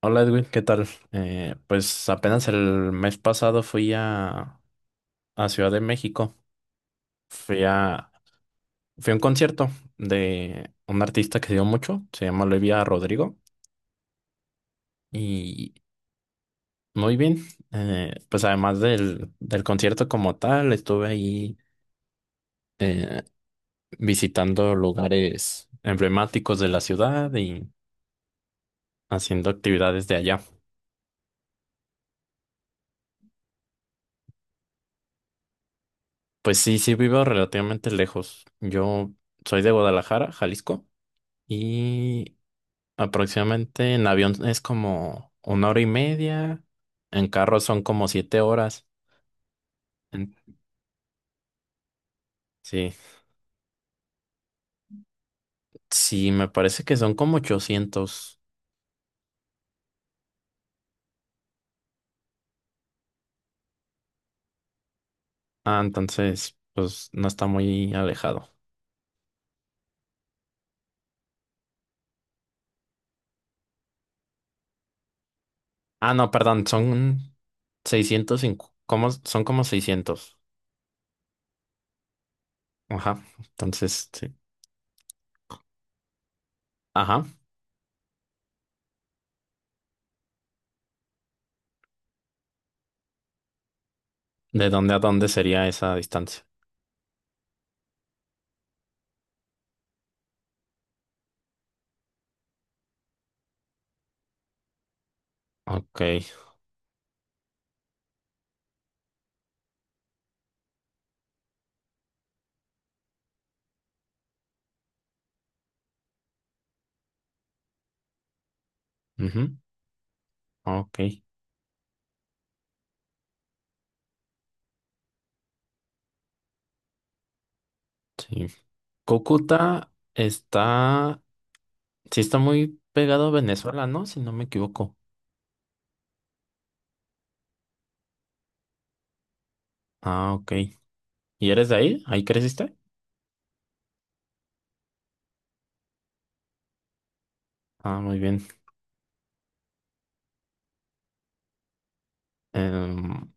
Hola Edwin, ¿qué tal? Pues apenas el mes pasado fui a Ciudad de México. Fui a, fui a un concierto de un artista que dio mucho, se llama Olivia Rodrigo. Y muy bien, pues además del concierto como tal, estuve ahí eh, visitando lugares emblemáticos de la ciudad y haciendo actividades de allá. Pues sí, sí vivo relativamente lejos. Yo soy de Guadalajara, Jalisco. Y aproximadamente en avión es como 1 hora y media, en carro son como 7 horas. En- sí, sí, me parece que son como 800. Ah, entonces, pues no está muy alejado. Ah, no, perdón, son 605, como, son como 600. Ajá, entonces, sí. Ajá, ¿de dónde a dónde sería esa distancia? Ok, ujú, ok, sí. Cúcuta está Sí está muy pegado a Venezuela, ¿no? Si no me equivoco. Ah, ok. ¿Y eres de ahí? ¿Ahí creciste? Ah, muy bien. Em,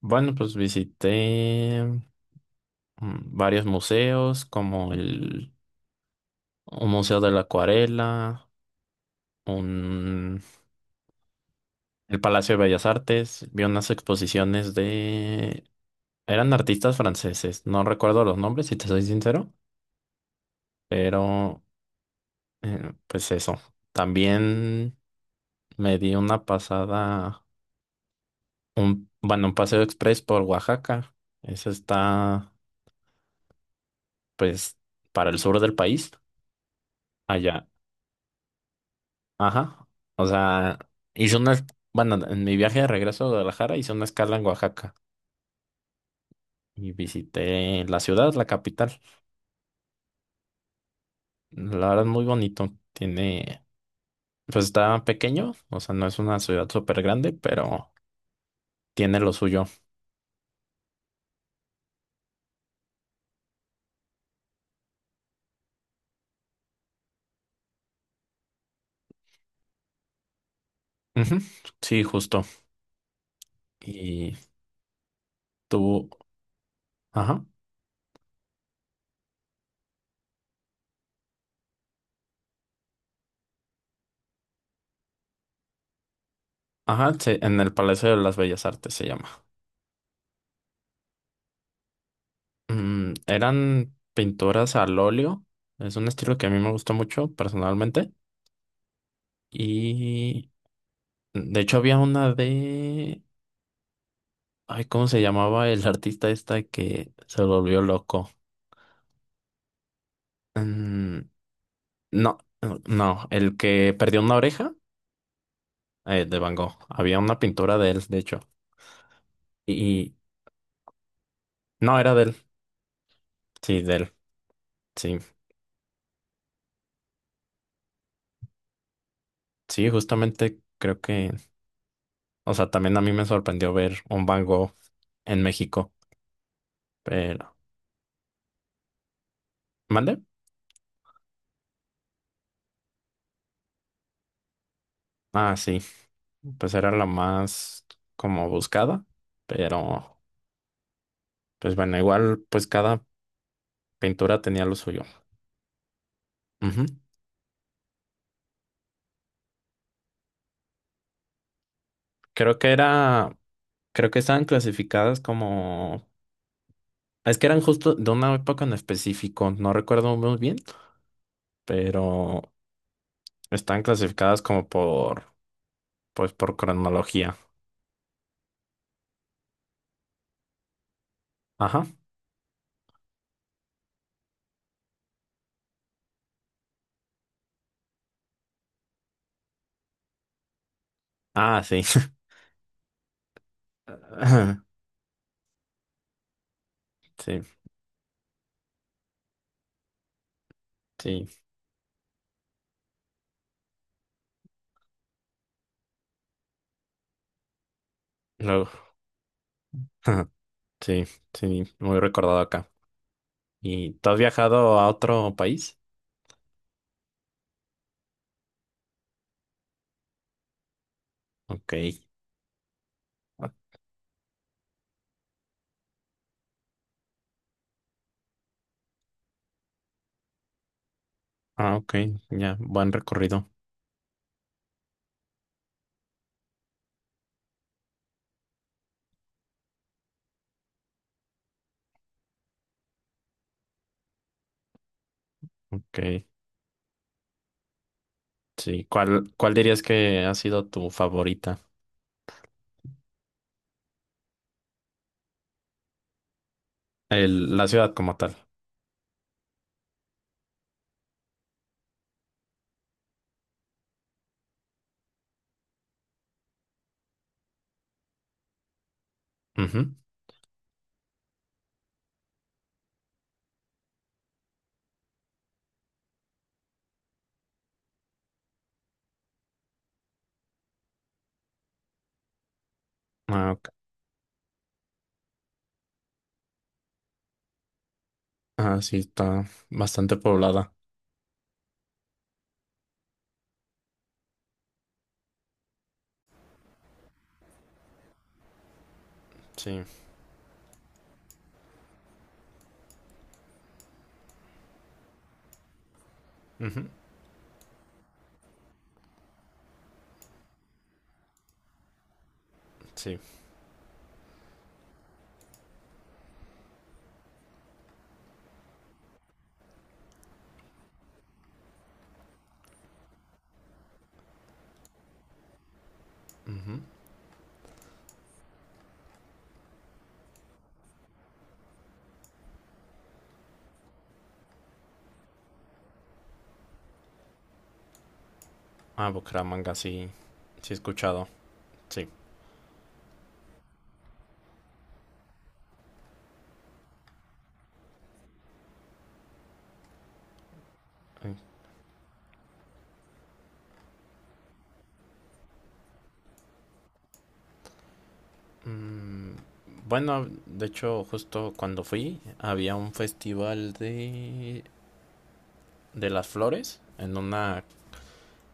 bueno, pues visité varios museos, como el un Museo de la Acuarela, un, el Palacio de Bellas Artes. Vi unas exposiciones de... Eran artistas franceses, no recuerdo los nombres, si te soy sincero, pero pues eso. También me di una pasada Un, bueno, un paseo express por Oaxaca. Eso está, pues, para el sur del país, allá. Ajá. O sea, hice una, es- bueno, en mi viaje de regreso a Guadalajara hice una escala en Oaxaca y visité la ciudad, la capital. La verdad, muy bonito. Tiene, pues está pequeño, o sea, no es una ciudad súper grande, pero tiene lo suyo. Ujú, sí, justo. Y tú, ajá. Ajá, sí, en el Palacio de las Bellas Artes se llama. Mm, eran pinturas al óleo. Es un estilo que a mí me gustó mucho personalmente. Y de hecho había una de... Ay, ¿cómo se llamaba el artista esta que se volvió loco? Mm, no, no, no, el que perdió una oreja, de Van Gogh. Había una pintura de él, de hecho. Y no, era de él. Sí, de él. Sí, sí, justamente creo que... O sea, también a mí me sorprendió ver un Van Gogh en México. Pero... ¿Mande? Ah, sí. Pues era la más como buscada, pero pues bueno, igual pues cada pintura tenía lo suyo. Ujú. Creo que era, Creo que estaban clasificadas como, es que eran justo de una época en específico, no recuerdo muy bien, pero están clasificadas como por cronología. Ajá. Ah, sí. Sí, sí. Luego, sí, sí, muy recordado acá. ¿Y tú has viajado a otro país? Ok. Ah, ok, ya, buen recorrido. Ok, sí. ¿Cuál dirías que ha sido tu favorita? La ciudad como tal. Ujú. Ah, ok. Ah, sí, está bastante poblada. Sí, ujú, sí, ujú. Ah, Bucaramanga, sí, sí he escuchado, sí. Ay, mm, bueno, de hecho, justo cuando fui, había un festival de, las flores en una,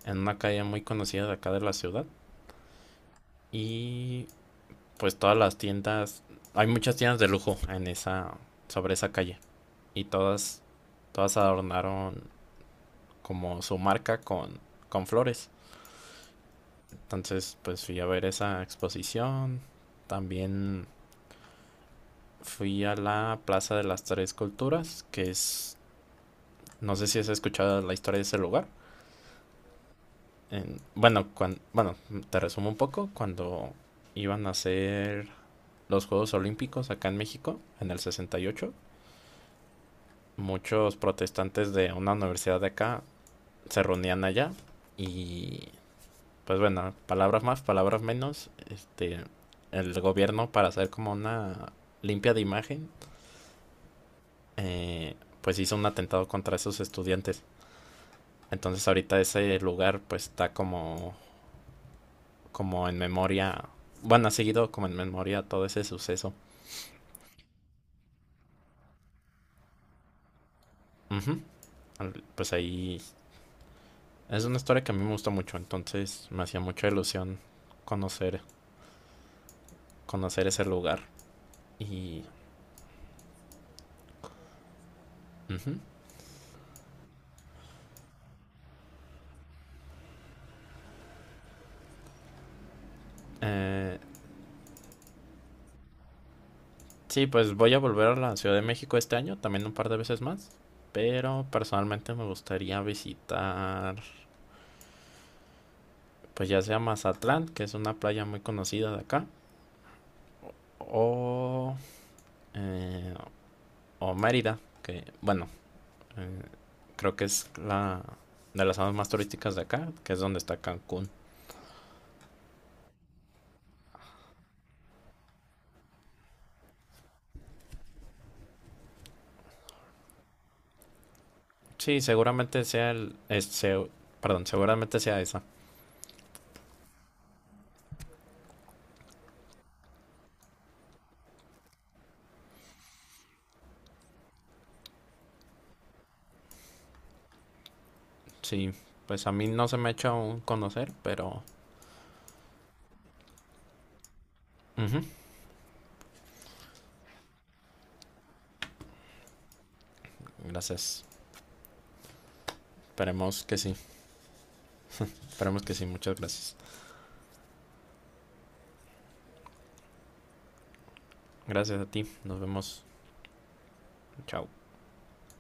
en una calle muy conocida de acá de la ciudad. Y pues todas las tiendas, hay muchas tiendas de lujo en esa, sobre esa calle y todas, adornaron como su marca con flores. Entonces, pues fui a ver esa exposición. También fui a la Plaza de las Tres Culturas, que es, no sé si has escuchado la historia de ese lugar. En- bueno, cuan- bueno, Te resumo un poco, cuando iban a hacer los Juegos Olímpicos acá en México, en el 68, muchos protestantes de una universidad de acá se reunían allá y pues bueno, palabras más, palabras menos, este, el gobierno, para hacer como una limpia de imagen, eh, pues hizo un atentado contra esos estudiantes. Entonces ahorita ese lugar pues está como, en memoria, bueno, ha seguido como en memoria todo ese suceso. Ujú. Pues ahí es una historia que a mí me gusta mucho, entonces me hacía mucha ilusión conocer, conocer ese lugar. Y... Ujú. Eh, sí, pues voy a volver a la Ciudad de México este año, también un par de veces más. Pero personalmente me gustaría visitar, pues ya sea Mazatlán, que es una playa muy conocida de acá, o, eh, o Mérida, que bueno, eh, creo que es la de las zonas más turísticas de acá, que es donde está Cancún. Sí, seguramente sea el, es- se- perdón, seguramente sea esa. Sí, pues a mí no se me ha hecho aún conocer, pero ujú. Gracias. Esperemos que sí. Esperemos que sí. Muchas gracias. Gracias a ti. Nos vemos. Chao.